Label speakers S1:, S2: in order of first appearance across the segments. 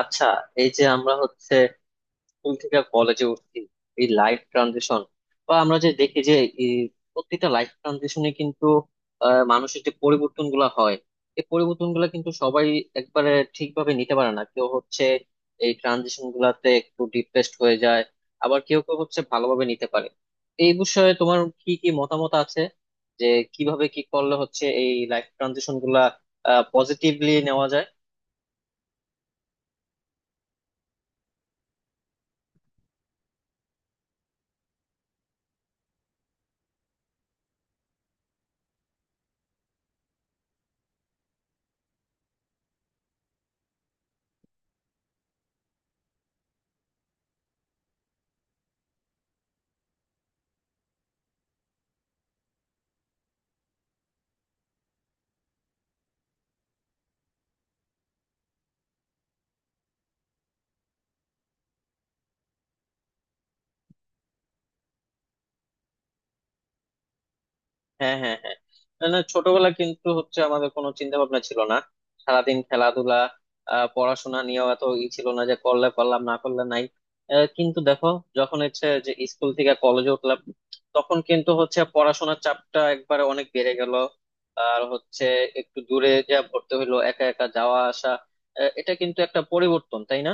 S1: আচ্ছা, এই যে আমরা হচ্ছে স্কুল থেকে কলেজে উঠছি, এই লাইফ ট্রানজিশন বা আমরা যে দেখি যে এই প্রত্যেকটা লাইফ ট্রানজিশনে কিন্তু মানুষের যে পরিবর্তন গুলা হয়, এই পরিবর্তন গুলা কিন্তু সবাই একবারে ঠিকভাবে নিতে পারে না। কেউ হচ্ছে এই ট্রানজিশন গুলাতে একটু ডিপ্রেসড হয়ে যায়, আবার কেউ কেউ হচ্ছে ভালোভাবে নিতে পারে। এই বিষয়ে তোমার কি কি মতামত আছে, যে কিভাবে কি করলে হচ্ছে এই লাইফ ট্রানজিশন গুলা পজিটিভলি নেওয়া যায়? হ্যাঁ, হ্যাঁ, হ্যাঁ। না, না, ছোটবেলা কিন্তু হচ্ছে আমাদের কোনো চিন্তা ভাবনা ছিল না, সারাদিন খেলাধুলা। পড়াশোনা নিয়েও এত ই ছিল না, যে করলে করলাম না করলে নাই। কিন্তু দেখো, যখন হচ্ছে যে স্কুল থেকে কলেজে উঠলাম তখন কিন্তু হচ্ছে পড়াশোনার চাপটা একবারে অনেক বেড়ে গেল। আর হচ্ছে একটু দূরে যা ভর্তি হইলো, একা একা যাওয়া আসা। এটা কিন্তু একটা পরিবর্তন, তাই না?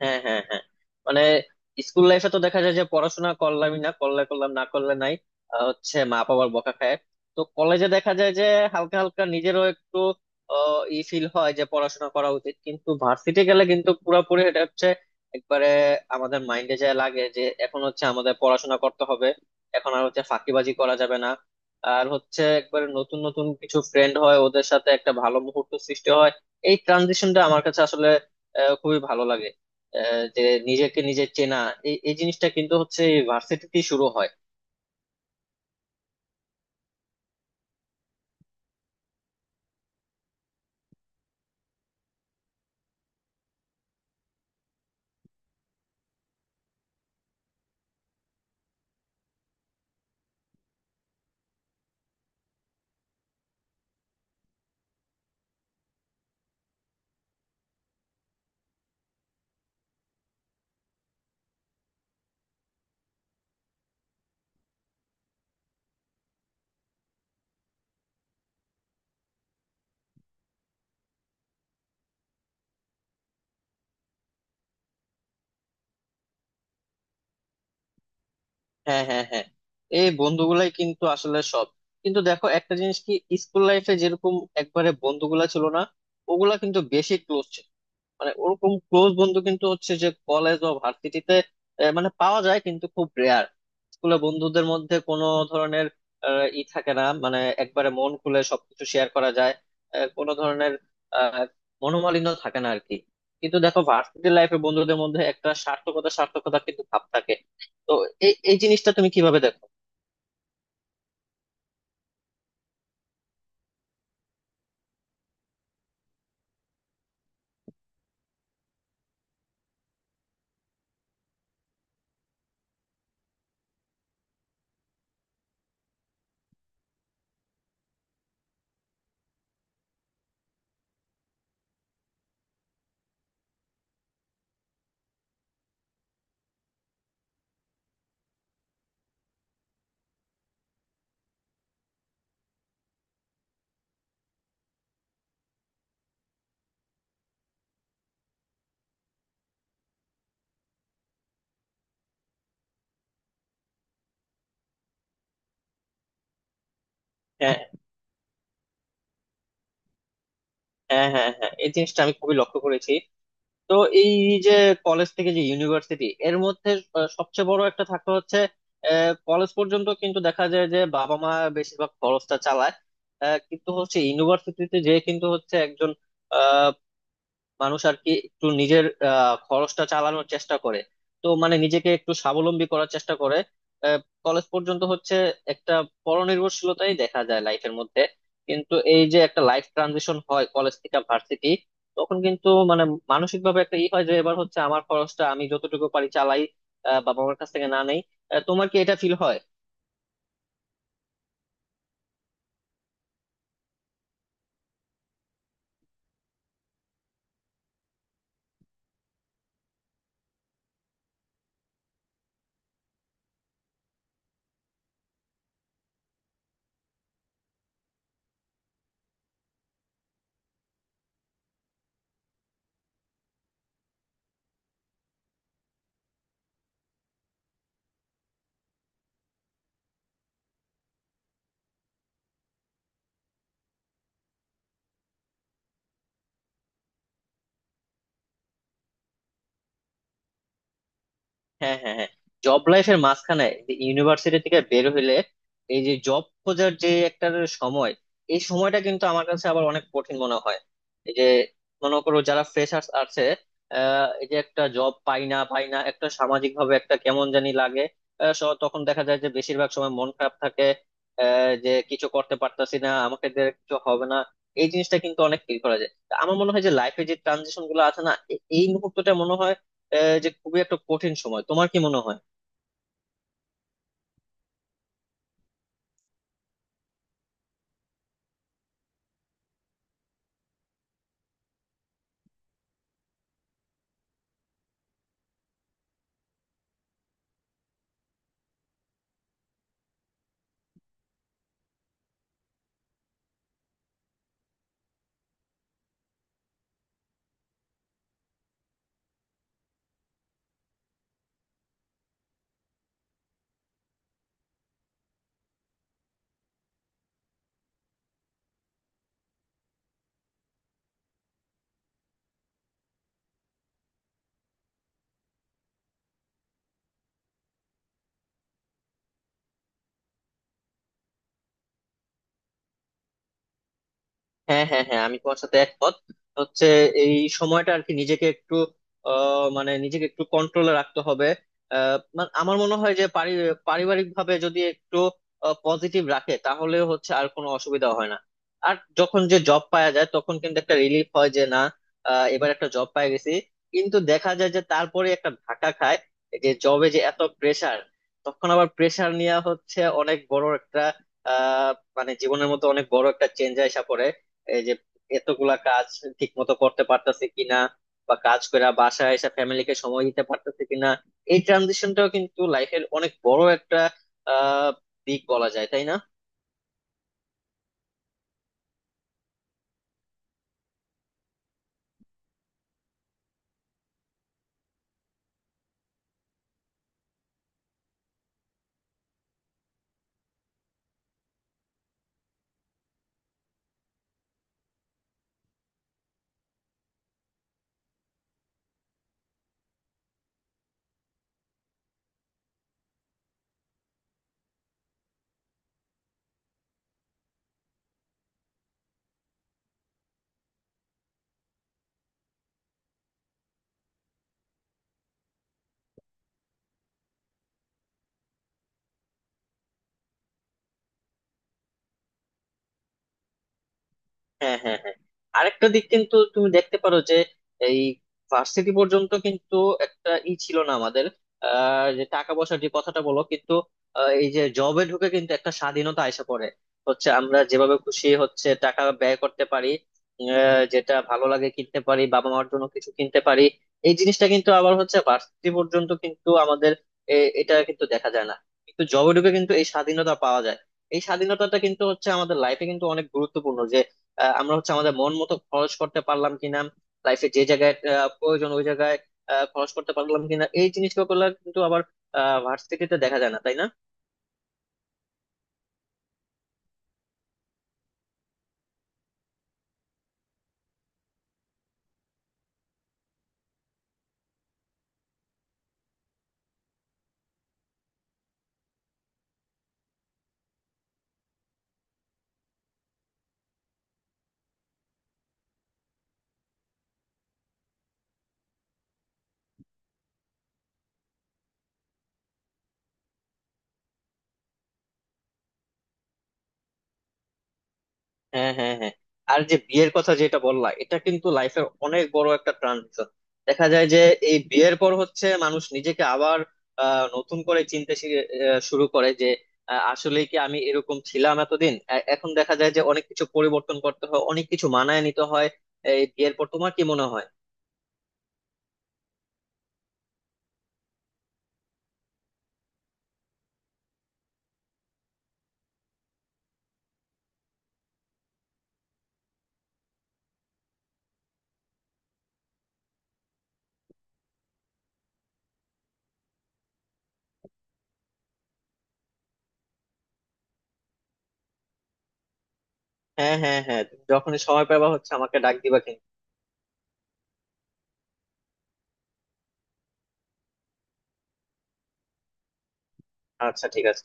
S1: হ্যাঁ, হ্যাঁ, হ্যাঁ। মানে স্কুল লাইফে তো দেখা যায় যে পড়াশোনা করলামই না, করলে করলাম না করলে নাই। হচ্ছে মা বাবার বকা খায়। তো কলেজে দেখা যায় যে হালকা হালকা নিজেরও একটু ই ফিল হয় যে পড়াশোনা করা উচিত, কিন্তু ভার্সিটি গেলে কিন্তু পুরোপুরি এটা হচ্ছে একবারে আমাদের মাইন্ডে যায় লাগে যে এখন হচ্ছে আমাদের পড়াশোনা করতে হবে, এখন আর হচ্ছে ফাঁকিবাজি করা যাবে না। আর হচ্ছে একবারে নতুন নতুন কিছু ফ্রেন্ড হয়, ওদের সাথে একটা ভালো মুহূর্ত সৃষ্টি হয়। এই ট্রানজিশনটা আমার কাছে আসলে খুবই ভালো লাগে। যে নিজেকে নিজে চেনা, এই এই জিনিসটা কিন্তু হচ্ছে ভার্সিটিতে শুরু হয়। হ্যাঁ, হ্যাঁ, হ্যাঁ। এই বন্ধুগুলাই কিন্তু আসলে সব। কিন্তু দেখো একটা জিনিস কি, স্কুল লাইফে যেরকম একবারে বন্ধুগুলা ছিল না, ওগুলা কিন্তু বেশি ক্লোজ। মানে ওরকম ক্লোজ বন্ধু কিন্তু হচ্ছে যে কলেজ বা ভার্সিটিতে মানে পাওয়া যায় কিন্তু খুব রেয়ার। স্কুলে বন্ধুদের মধ্যে কোনো ধরনের ই থাকে না, মানে একবারে মন খুলে সবকিছু শেয়ার করা যায়, কোনো ধরনের আহ, মনোমালিন্য থাকে না আর কি। কিন্তু দেখো, ভার্সিটি লাইফে বন্ধুদের মধ্যে একটা স্বার্থকতা স্বার্থকতা কিন্তু ভাব থাকে। তো এই এই জিনিসটা তুমি কিভাবে দেখো? হ্যাঁ, হ্যাঁ, হ্যাঁ, হ্যাঁ, এই জিনিসটা আমি খুবই লক্ষ্য করেছি। তো এই যে কলেজ থেকে যে ইউনিভার্সিটি এর মধ্যে সবচেয়ে বড় একটা থাকতে হচ্ছে, কলেজ পর্যন্ত কিন্তু দেখা যায় যে বাবা মা বেশিরভাগ খরচটা চালায়। কিন্তু হচ্ছে ইউনিভার্সিটিতে যে কিন্তু হচ্ছে একজন মানুষ আর কি একটু নিজের খরচটা চালানোর চেষ্টা করে, তো মানে নিজেকে একটু স্বাবলম্বী করার চেষ্টা করে। কলেজ পর্যন্ত হচ্ছে একটা পরনির্ভরশীলতাই দেখা যায় লাইফের মধ্যে। কিন্তু এই যে একটা লাইফ ট্রানজিশন হয় কলেজ থেকে ভার্সিটি, তখন কিন্তু মানে মানসিক ভাবে একটা ই হয় যে এবার হচ্ছে আমার খরচটা আমি যতটুকু পারি চালাই, বাবা মার কাছ থেকে না নেই। তোমার কি এটা ফিল হয়? হ্যাঁ, হ্যাঁ, হ্যাঁ। জব লাইফের মাঝখানে যে ইউনিভার্সিটি থেকে বের হইলে এই যে জব খোঁজার যে একটা সময়, এই সময়টা কিন্তু আমার কাছে আবার অনেক কঠিন মনে হয়। এই যে মনে করো যারা ফ্রেশার্স আছে, এই যে একটা জব পাই না পাই না, একটা সামাজিক ভাবে একটা কেমন জানি লাগে। তখন দেখা যায় যে বেশিরভাগ সময় মন খারাপ থাকে, যে কিছু করতে পারতাছি না, আমাকে দিয়ে কিছু হবে না। এই জিনিসটা কিন্তু অনেক ফিল করা যায়, তা আমার মনে হয় যে লাইফে যে ট্রানজিশন গুলো আছে না, এই মুহূর্তটা মনে হয় যে খুবই একটা কঠিন সময়। তোমার কি মনে হয়? হ্যাঁ, হ্যাঁ, হ্যাঁ, আমি তোমার সাথে একমত। হচ্ছে এই সময়টা আর কি নিজেকে একটু মানে নিজেকে একটু কন্ট্রোলে রাখতে হবে। মানে আমার মনে হয় যে পারিবারিক ভাবে যদি একটু পজিটিভ রাখে তাহলে হচ্ছে আর কোনো অসুবিধা হয় না। আর যখন যে জব পাওয়া যায় তখন কিন্তু একটা রিলিফ হয় যে না, এবার একটা জব পাই গেছি। কিন্তু দেখা যায় যে তারপরে একটা ধাক্কা খায়, এই যে জবে যে এত প্রেসার। তখন আবার প্রেসার নিয়ে হচ্ছে অনেক বড় একটা আহ মানে জীবনের মতো অনেক বড় একটা চেঞ্জ আসা পড়ে। এই যে এতগুলা কাজ ঠিক মতো করতে পারতেছে কিনা, বা কাজ করে বাসায় এসে ফ্যামিলিকে সময় দিতে পারতেছে কিনা, এই ট্রানজিশনটাও কিন্তু লাইফের অনেক বড় একটা আহ দিক বলা যায়, তাই না? হ্যাঁ, হ্যাঁ, হ্যাঁ। আরেকটা দিক কিন্তু তুমি দেখতে পারো যে এই ভার্সিটি পর্যন্ত কিন্তু একটা ই ছিল না আমাদের, যে টাকা পয়সার যে কথাটা বলো, কিন্তু এই যে জবে ঢুকে কিন্তু একটা স্বাধীনতা আইসা পড়ে। হচ্ছে আমরা যেভাবে খুশি হচ্ছে টাকা ব্যয় করতে পারি, যেটা ভালো লাগে কিনতে পারি, বাবা মার জন্য কিছু কিনতে পারি। এই জিনিসটা কিন্তু আবার হচ্ছে ভার্সিটি পর্যন্ত কিন্তু আমাদের এটা কিন্তু দেখা যায় না। কিন্তু জবে ঢুকে কিন্তু এই স্বাধীনতা পাওয়া যায়। এই স্বাধীনতাটা কিন্তু হচ্ছে আমাদের লাইফে কিন্তু অনেক গুরুত্বপূর্ণ। আমরা হচ্ছে আমাদের মন মতো খরচ করতে পারলাম কিনা, লাইফে যে জায়গায় প্রয়োজন ওই জায়গায় খরচ করতে পারলাম কিনা, এই জিনিসগুলো কিন্তু আবার ভার্সিটিতে দেখা যায় না, তাই না? হ্যাঁ, হ্যাঁ, হ্যাঁ। আর যে বিয়ের কথা যেটা বললা, এটা কিন্তু লাইফের অনেক বড় একটা ট্রানজিশন। দেখা যায় যে এই বিয়ের পর হচ্ছে মানুষ নিজেকে আবার নতুন করে চিনতে শুরু করে, যে আসলে কি আমি এরকম ছিলাম এতদিন। এখন দেখা যায় যে অনেক কিছু পরিবর্তন করতে হয়, অনেক কিছু মানায় নিতে হয়। এই বিয়ের পর তোমার কি মনে হয়? হ্যাঁ, হ্যাঁ, হ্যাঁ, তুমি যখনই সময় পাবা হচ্ছে আমাকে ডাক দিবা কিন্তু। আচ্ছা, ঠিক আছে।